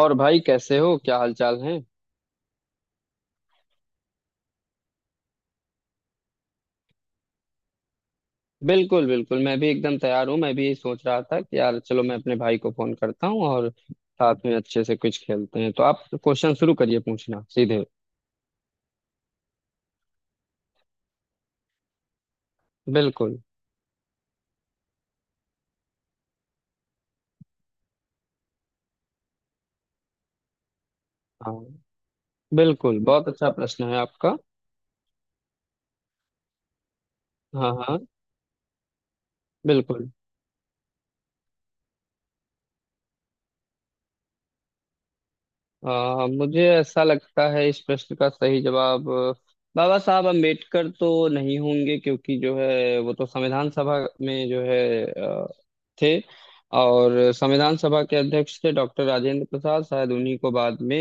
और भाई कैसे हो, क्या हाल चाल है। बिल्कुल बिल्कुल, मैं भी एकदम तैयार हूँ। मैं भी यही सोच रहा था कि यार चलो, मैं अपने भाई को फोन करता हूँ और साथ में अच्छे से कुछ खेलते हैं। तो आप क्वेश्चन शुरू करिए, पूछना सीधे। बिल्कुल। हाँ, बिल्कुल बहुत अच्छा प्रश्न है आपका। हाँ हाँ। बिल्कुल। मुझे ऐसा लगता है इस प्रश्न का सही जवाब बाबा साहब अम्बेडकर तो नहीं होंगे, क्योंकि जो है वो तो संविधान सभा में जो है थे। और संविधान सभा के अध्यक्ष थे डॉक्टर राजेंद्र प्रसाद, शायद उन्हीं को बाद में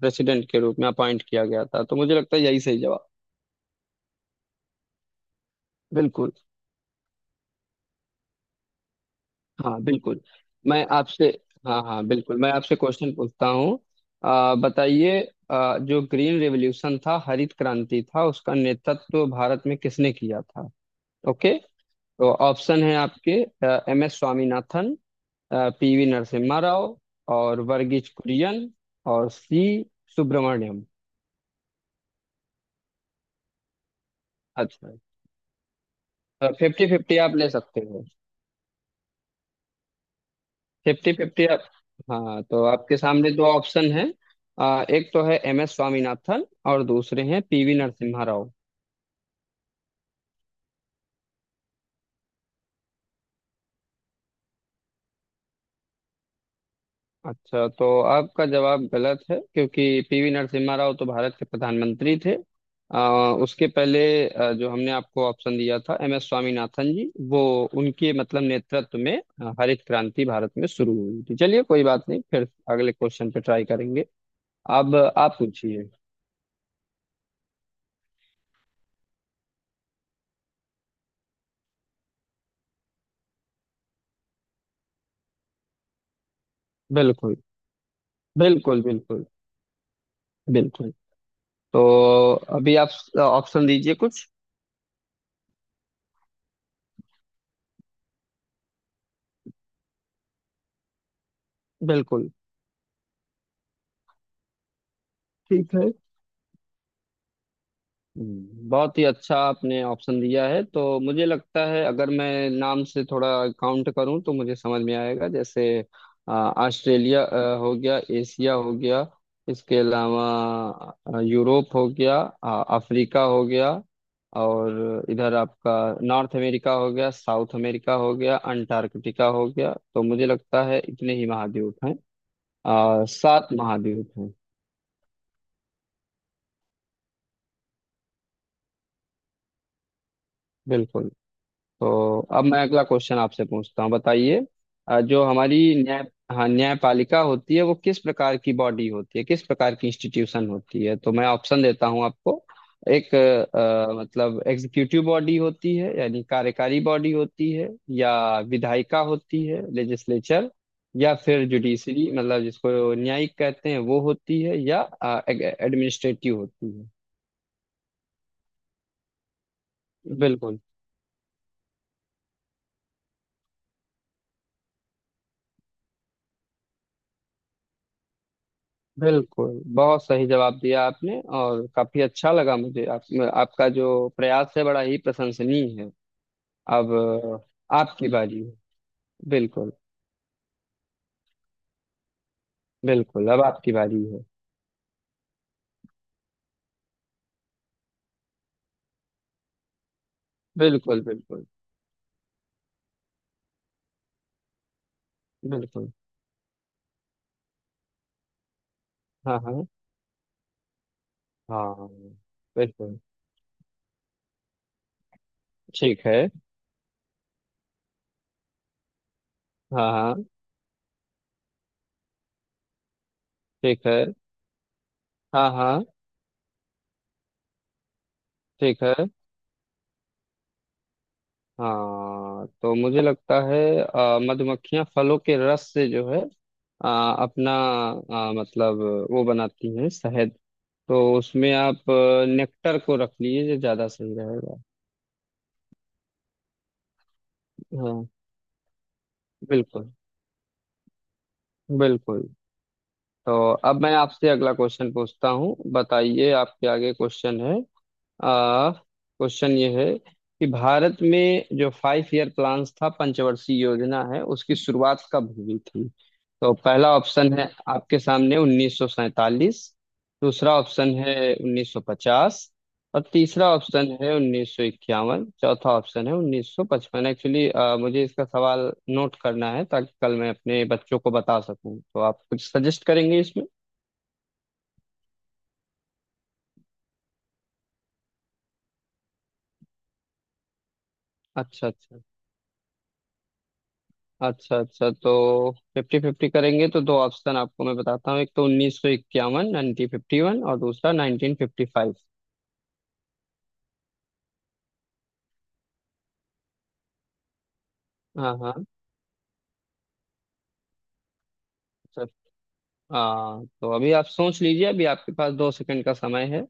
प्रेसिडेंट के रूप में अपॉइंट किया गया था। तो मुझे लगता है यही सही जवाब। बिल्कुल। हाँ बिल्कुल, मैं आपसे, हाँ हाँ बिल्कुल, मैं आपसे क्वेश्चन पूछता हूँ। बताइए, जो ग्रीन रेवोल्यूशन था, हरित क्रांति था, उसका नेतृत्व भारत में किसने किया था। ओके, तो ऑप्शन है आपके, M S Swaminathan, PV Narasimha Rao, और वर्गीज कुरियन, और सी सुब्रमण्यम। अच्छा, फिफ्टी फिफ्टी आप ले सकते हो। फिफ्टी फिफ्टी आप, हाँ तो आपके सामने दो ऑप्शन है, एक तो है एम एस स्वामीनाथन और दूसरे हैं पीवी नरसिम्हा राव। अच्छा, तो आपका जवाब गलत है, क्योंकि पीवी नरसिम्हा राव तो भारत के प्रधानमंत्री थे। उसके पहले जो हमने आपको ऑप्शन दिया था, एम एस स्वामीनाथन जी, वो उनके मतलब नेतृत्व में हरित क्रांति भारत में शुरू हुई थी। चलिए कोई बात नहीं, फिर अगले क्वेश्चन पे ट्राई करेंगे। अब आप पूछिए। बिल्कुल बिल्कुल। बिल्कुल बिल्कुल। तो अभी आप ऑप्शन दीजिए कुछ। बिल्कुल। ठीक है। बहुत ही अच्छा आपने ऑप्शन दिया है। तो मुझे लगता है अगर मैं नाम से थोड़ा काउंट करूं तो मुझे समझ में आएगा, जैसे ऑस्ट्रेलिया हो गया, एशिया हो गया, इसके अलावा यूरोप हो गया, अफ्रीका हो गया, और इधर आपका नॉर्थ अमेरिका हो गया, साउथ अमेरिका हो गया, अंटार्कटिका हो गया। तो मुझे लगता है इतने ही महाद्वीप हैं, सात महाद्वीप हैं। बिल्कुल। तो अब मैं अगला क्वेश्चन आपसे पूछता हूँ, बताइए जो हमारी न्याय हाँ न्यायपालिका होती है वो किस प्रकार की बॉडी होती है, किस प्रकार की इंस्टीट्यूशन होती है। तो मैं ऑप्शन देता हूँ आपको, एक मतलब एग्जीक्यूटिव बॉडी होती है, यानी कार्यकारी बॉडी होती है, या विधायिका होती है, लेजिस्लेचर, या फिर जुडिशरी मतलब जिसको न्यायिक कहते हैं वो होती है, या एडमिनिस्ट्रेटिव होती है। बिल्कुल, बिल्कुल बहुत सही जवाब दिया आपने, और काफी अच्छा लगा मुझे। आप, आपका जो प्रयास है बड़ा ही प्रशंसनीय है। अब आपकी बारी है। बिल्कुल। बिल्कुल अब आपकी बारी है। बिल्कुल। बिल्कुल। बिल्कुल। हाँ हाँ। हाँ हाँ, बिल्कुल। ठीक है। हाँ हाँ। ठीक है। हाँ हाँ। ठीक है। हाँ तो मुझे लगता है मधुमक्खियां फलों के रस से जो है अपना मतलब वो बनाती हैं शहद। तो उसमें आप नेक्टर को रख लीजिए, जो ज्यादा सही रहेगा। हाँ। बिल्कुल। बिल्कुल। तो अब मैं आपसे अगला क्वेश्चन पूछता हूँ, बताइए आपके आगे क्वेश्चन है। आ क्वेश्चन ये है कि भारत में जो फाइव ईयर प्लान्स था, पंचवर्षीय योजना है, उसकी शुरुआत कब हुई थी। तो पहला ऑप्शन है आपके सामने 1947, दूसरा ऑप्शन है 1950, और तीसरा ऑप्शन है 1951, चौथा ऑप्शन है 1955। एक्चुअली मुझे इसका सवाल नोट करना है ताकि कल मैं अपने बच्चों को बता सकूं, तो आप कुछ सजेस्ट करेंगे इसमें। अच्छा अच्छा। अच्छा अच्छा, तो फिफ्टी फिफ्टी करेंगे तो दो ऑप्शन आपको मैं बताता हूँ, एक तो उन्नीस सौ इक्यावन, नाइनटीन फिफ्टी वन, और दूसरा नाइनटीन फिफ्टी फाइव। हाँ हाँ। सर, हाँ तो अभी आप सोच लीजिए, अभी आपके पास दो सेकंड का समय है।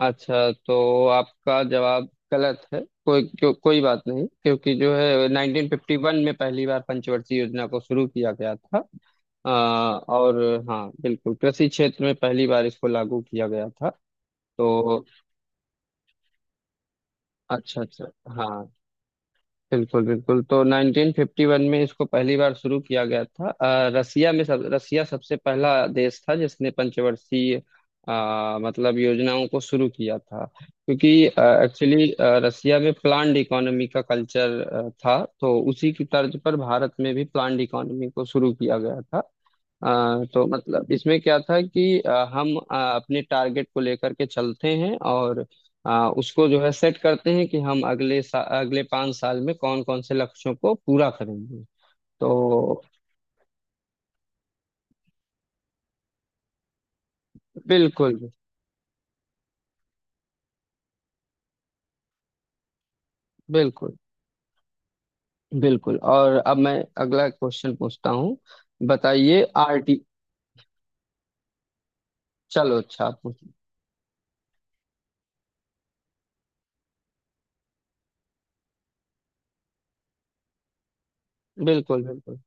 अच्छा, तो आपका जवाब गलत है। कोई क्यों, कोई बात नहीं, क्योंकि जो है 1951 में पहली बार पंचवर्षीय योजना को शुरू किया गया था। और हाँ बिल्कुल, कृषि क्षेत्र में पहली बार इसको लागू किया गया था। तो अच्छा अच्छा, हाँ बिल्कुल बिल्कुल, तो 1951 में इसको पहली बार शुरू किया गया था। रसिया में, सब रसिया सबसे पहला देश था जिसने पंचवर्षीय मतलब योजनाओं को शुरू किया था, क्योंकि एक्चुअली रसिया में प्लान्ड इकोनॉमी का कल्चर था, तो उसी की तर्ज पर भारत में भी प्लान्ड इकोनॉमी को शुरू किया गया था। तो मतलब इसमें क्या था कि हम अपने टारगेट को लेकर के चलते हैं, और उसको जो है सेट करते हैं कि हम अगले 5 साल में कौन कौन से लक्ष्यों को पूरा करेंगे। तो बिल्कुल। बिल्कुल बिल्कुल, और अब मैं अगला क्वेश्चन पूछता हूँ, बताइए आरटी, चलो अच्छा आप पूछ, बिल्कुल बिल्कुल।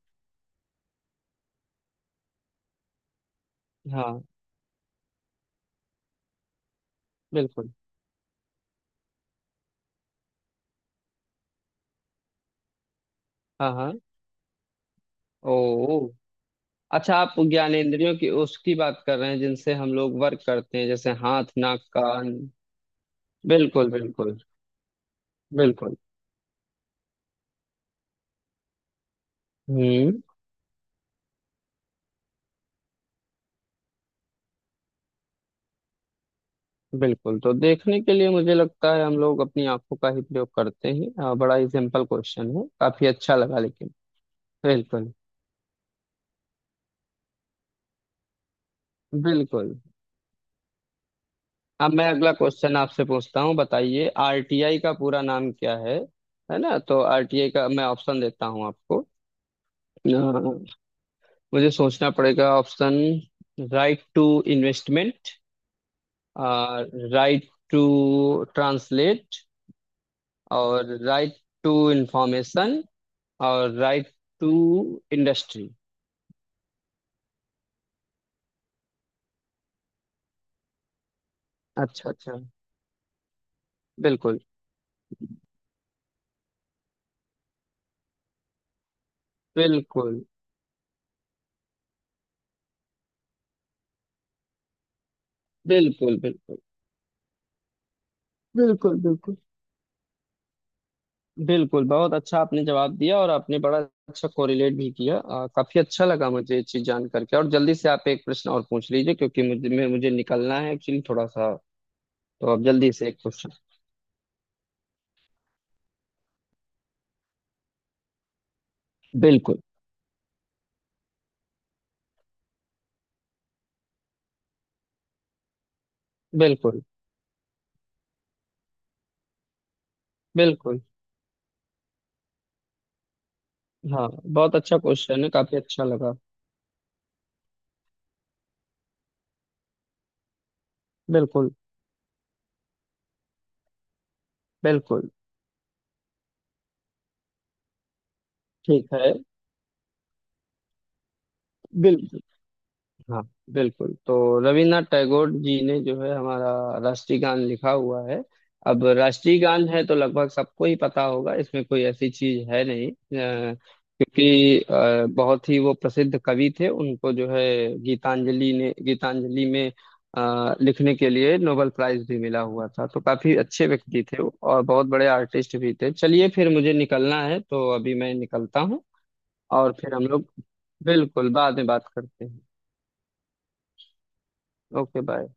हाँ बिल्कुल। हाँ हाँ। ओ, अच्छा आप ज्ञानेंद्रियों की उसकी बात कर रहे हैं जिनसे हम लोग वर्क करते हैं, जैसे हाथ, नाक, कान। बिल्कुल बिल्कुल। बिल्कुल। हम्म। बिल्कुल, तो देखने के लिए मुझे लगता है हम लोग अपनी आंखों का ही प्रयोग करते हैं। बड़ा ही सिंपल क्वेश्चन है, काफी अच्छा लगा लेकिन। बिल्कुल। बिल्कुल, अब मैं अगला क्वेश्चन आपसे पूछता हूँ, बताइए आरटीआई का पूरा नाम क्या है ना। तो आरटीआई का मैं ऑप्शन देता हूँ आपको। अ, मुझे सोचना पड़ेगा option, right to investment, right to translate, और राइट टू इंफॉर्मेशन, और राइट टू इंडस्ट्री। अच्छा अच्छा। बिल्कुल बिल्कुल बिल्कुल। बिल्कुल बिल्कुल बिल्कुल। बिल्कुल बहुत अच्छा आपने जवाब दिया, और आपने बड़ा अच्छा कोरिलेट भी किया। काफी अच्छा लगा मुझे ये चीज जान करके, और जल्दी से आप एक प्रश्न और पूछ लीजिए क्योंकि मुझे निकलना है एक्चुअली थोड़ा सा। तो आप जल्दी से एक क्वेश्चन। बिल्कुल बिल्कुल। बिल्कुल। हाँ बहुत अच्छा क्वेश्चन है, काफी अच्छा लगा। बिल्कुल। बिल्कुल। ठीक है। बिल्कुल। हाँ, बिल्कुल, तो रविन्द्रनाथ टैगोर जी ने जो है हमारा राष्ट्रीय गान लिखा हुआ है। अब राष्ट्रीय गान है तो लगभग सबको ही पता होगा, इसमें कोई ऐसी चीज है नहीं। क्योंकि बहुत ही वो प्रसिद्ध कवि थे, उनको जो है गीतांजलि में लिखने के लिए नोबेल प्राइज भी मिला हुआ था। तो काफी अच्छे व्यक्ति थे वो, और बहुत बड़े आर्टिस्ट भी थे। चलिए फिर मुझे निकलना है, तो अभी मैं निकलता हूँ। और फिर हम लोग, बिल्कुल बाद में बात करते हैं। Okay, bye.